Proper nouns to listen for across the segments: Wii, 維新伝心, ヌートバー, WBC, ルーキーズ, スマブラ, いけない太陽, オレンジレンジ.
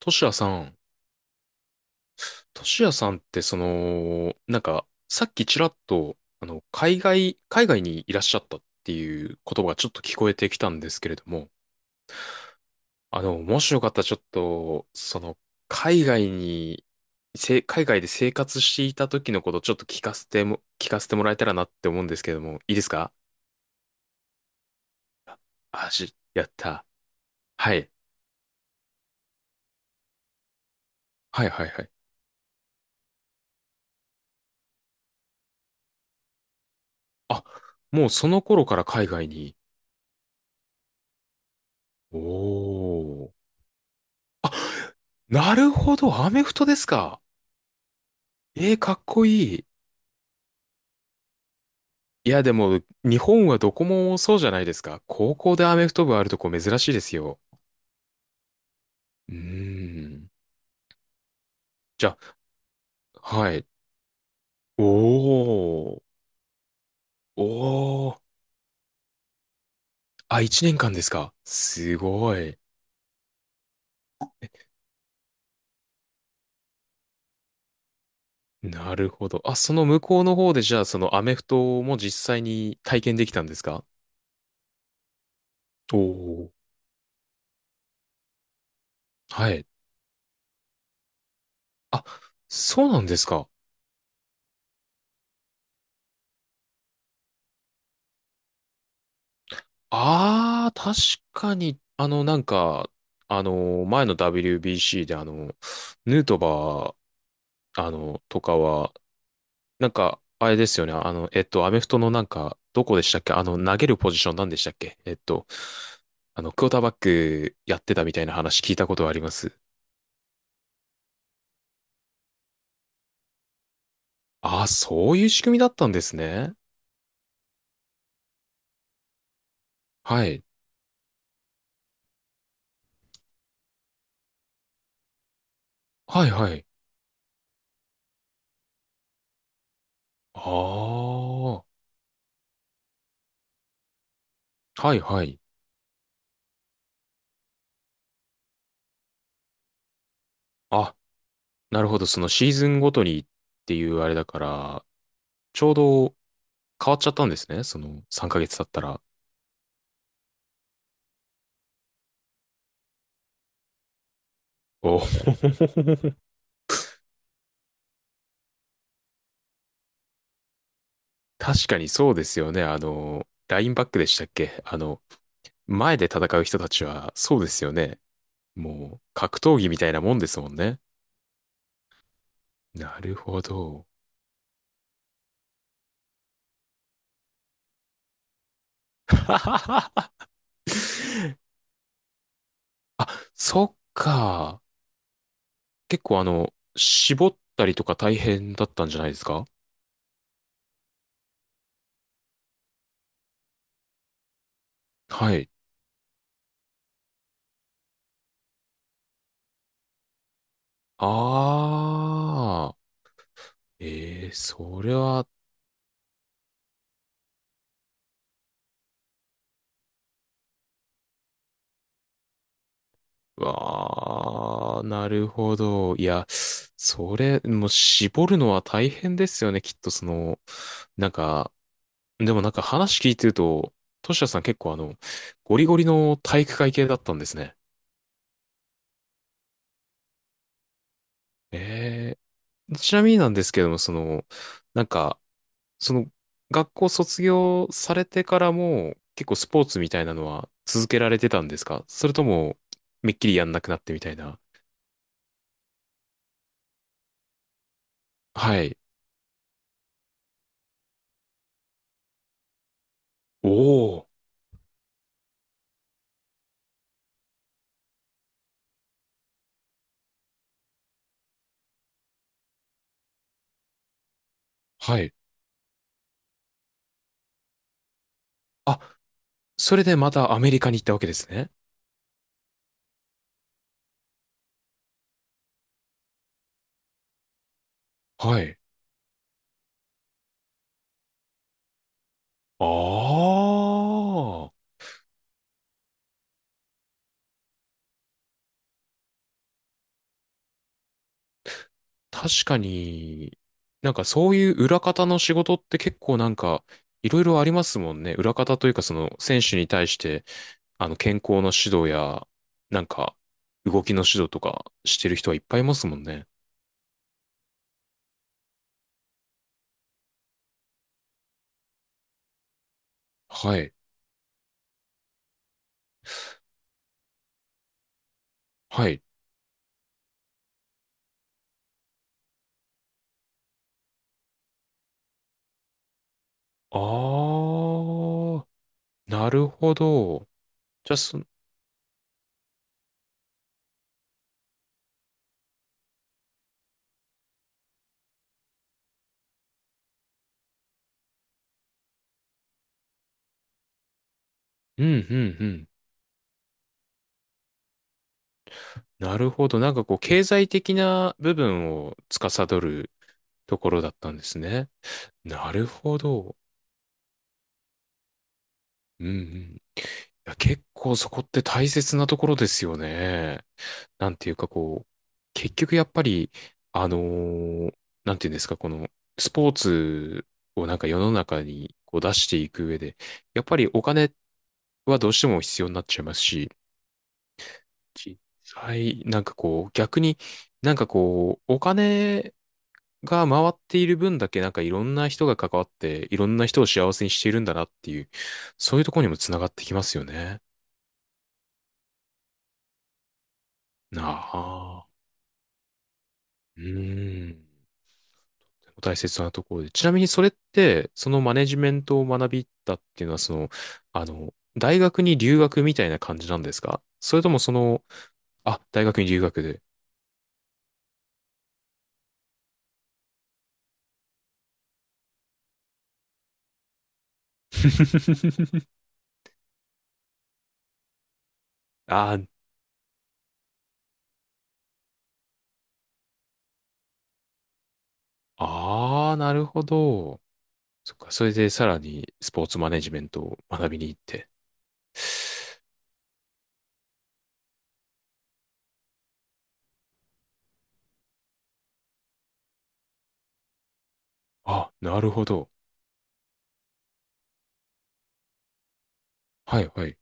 トシヤさん、トシヤさんってその、さっきちらっと、海外にいらっしゃったっていう言葉がちょっと聞こえてきたんですけれども、もしよかったらちょっと、海外に、海外で生活していた時のことをちょっと聞かせてもらえたらなって思うんですけれども、いいですか？やった。はい。はいはいはい。あ、もうその頃から海外に。おー。あ、なるほど、アメフトですか。えー、かっこいい。いや、でも、日本はどこもそうじゃないですか。高校でアメフト部あるとこ珍しいですよ。うーん。じゃあ、はい。おー、おー。あ、一年間ですか。すごい。なるほど。あ、その向こうの方で、じゃあ、そのアメフトも実際に体験できたんですか？おー。はい。あ、そうなんですか。ああ、確かに、前の WBC で、ヌートバー、とかは、なんか、あれですよね、アメフトのなんか、どこでしたっけ？投げるポジションなんでしたっけ？クォーターバックやってたみたいな話聞いたことがあります。ああ、そういう仕組みだったんですね。はい。はいはい。ああ、はいはい。あ、なるほど、そのシーズンごとにっていうあれだから、ちょうど変わっちゃったんですね、その3ヶ月経ったら。おー。 確かにそうですよね、ラインバックでしたっけ？前で戦う人たちは、そうですよね。もう、格闘技みたいなもんですもんね。なるほど。あ、そっか。結構絞ったりとか大変だったんじゃないですか？はい。ああ。ええ、それは、わあ、なるほど。いや、それ、もう絞るのは大変ですよね、きっとその、なんか、でもなんか話聞いてると、トシヤさん結構ゴリゴリの体育会系だったんですね。ええ、ちなみになんですけども、なんか、その、学校卒業されてからも、結構スポーツみたいなのは続けられてたんですか？それとも、めっきりやんなくなってみたいな。はい。おお。はい。あ、それでまたアメリカに行ったわけですね。はい。ああ、確かに、なんかそういう裏方の仕事って結構なんかいろいろありますもんね。裏方というかその選手に対して、あの健康の指導や、なんか動きの指導とかしてる人はいっぱいいますもんね。はい。はい。ああ、なるほど。じゃあ、うん、うん、うん。なるほど。なんかこう、経済的な部分を司るところだったんですね。なるほど。うんうん。いや、結構そこって大切なところですよね。なんていうかこう、結局やっぱり、あのーなんていうんですか、このスポーツをなんか世の中にこう出していく上で、やっぱりお金はどうしても必要になっちゃいますし、実際、なんかこう、逆にお金が回っている分だけなんかいろんな人が関わっていろんな人を幸せにしているんだなっていう、そういうところにもつながってきますよね。なあ、うーん。とても大切なところで。ちなみにそれって、そのマネジメントを学びたっていうのは、その、大学に留学みたいな感じなんですか？それともその、あ、大学に留学で。あー、あー、なるほど。そっか、それでさらにスポーツマネジメントを学びに行って。あ、なるほど。はいはい。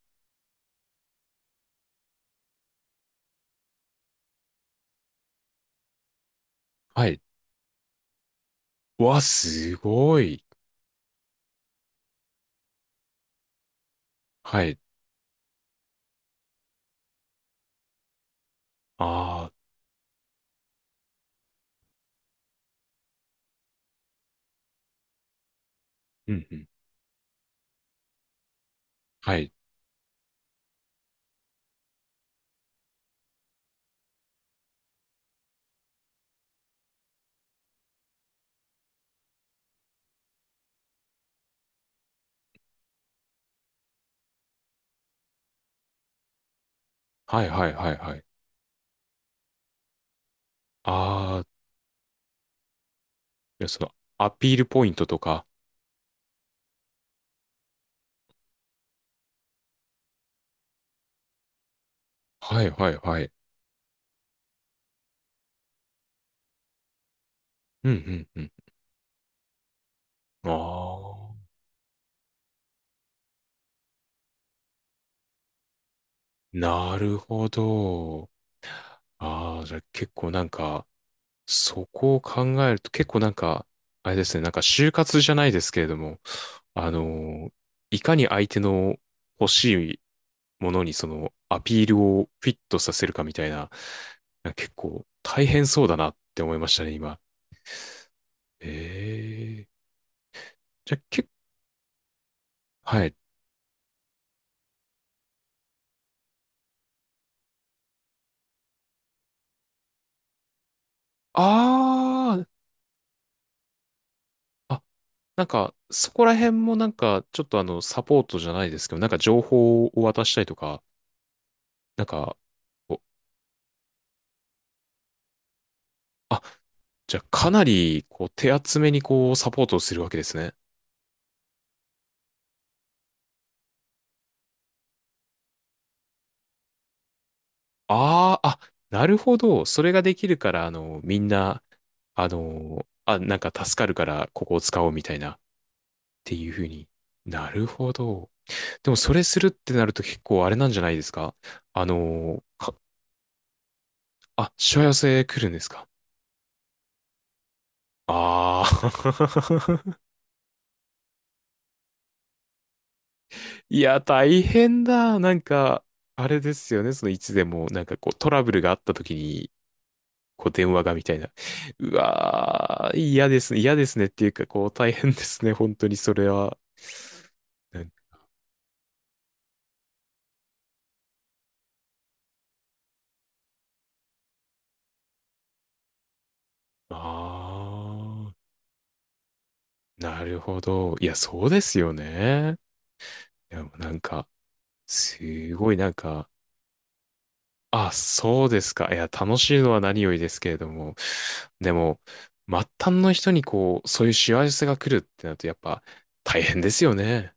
はい。わ、すごい。はい。あー、うんうん。はい。はいはいはいはい。あー、いやその、アピールポイントとか。はいはいはい。うんうんうん。あー、なるほど。あー、じゃあ結構なんか、そこを考えると結構なんか、あれですね、なんか就活じゃないですけれども、あの、いかに相手の欲しいものにそのアピールをフィットさせるかみたいな、なんか結構大変そうだなって思いましたね、今。ええ、じゃあ、はい。ああ、あ、なんか、そこら辺もなんか、ちょっとサポートじゃないですけど、なんか情報を渡したりとか、なんか、お、あ、じゃあ、かなり、こう、手厚めにこう、サポートをするわけですね。ああ、あ、なるほど。それができるから、みんな、なんか助かるから、ここを使おうみたいな、っていうふうに。なるほど。でも、それするってなると結構あれなんじゃないですか？あの、あ、しわ寄せ来るんですか？ああ。 いや、大変だ。なんか、あれですよね。その、いつでも、なんかこう、トラブルがあった時に、こう電話がみたいな。うわー、嫌ですね。嫌ですねっていうか、こう大変ですね。本当にそれは。うん、あー、なるほど。いや、そうですよね。いや、もうなんか、すごいなんか、あ、そうですか。いや、楽しいのは何よりですけれども。でも、末端の人にこう、そういう幸せが来るってなると、やっぱ、大変ですよね。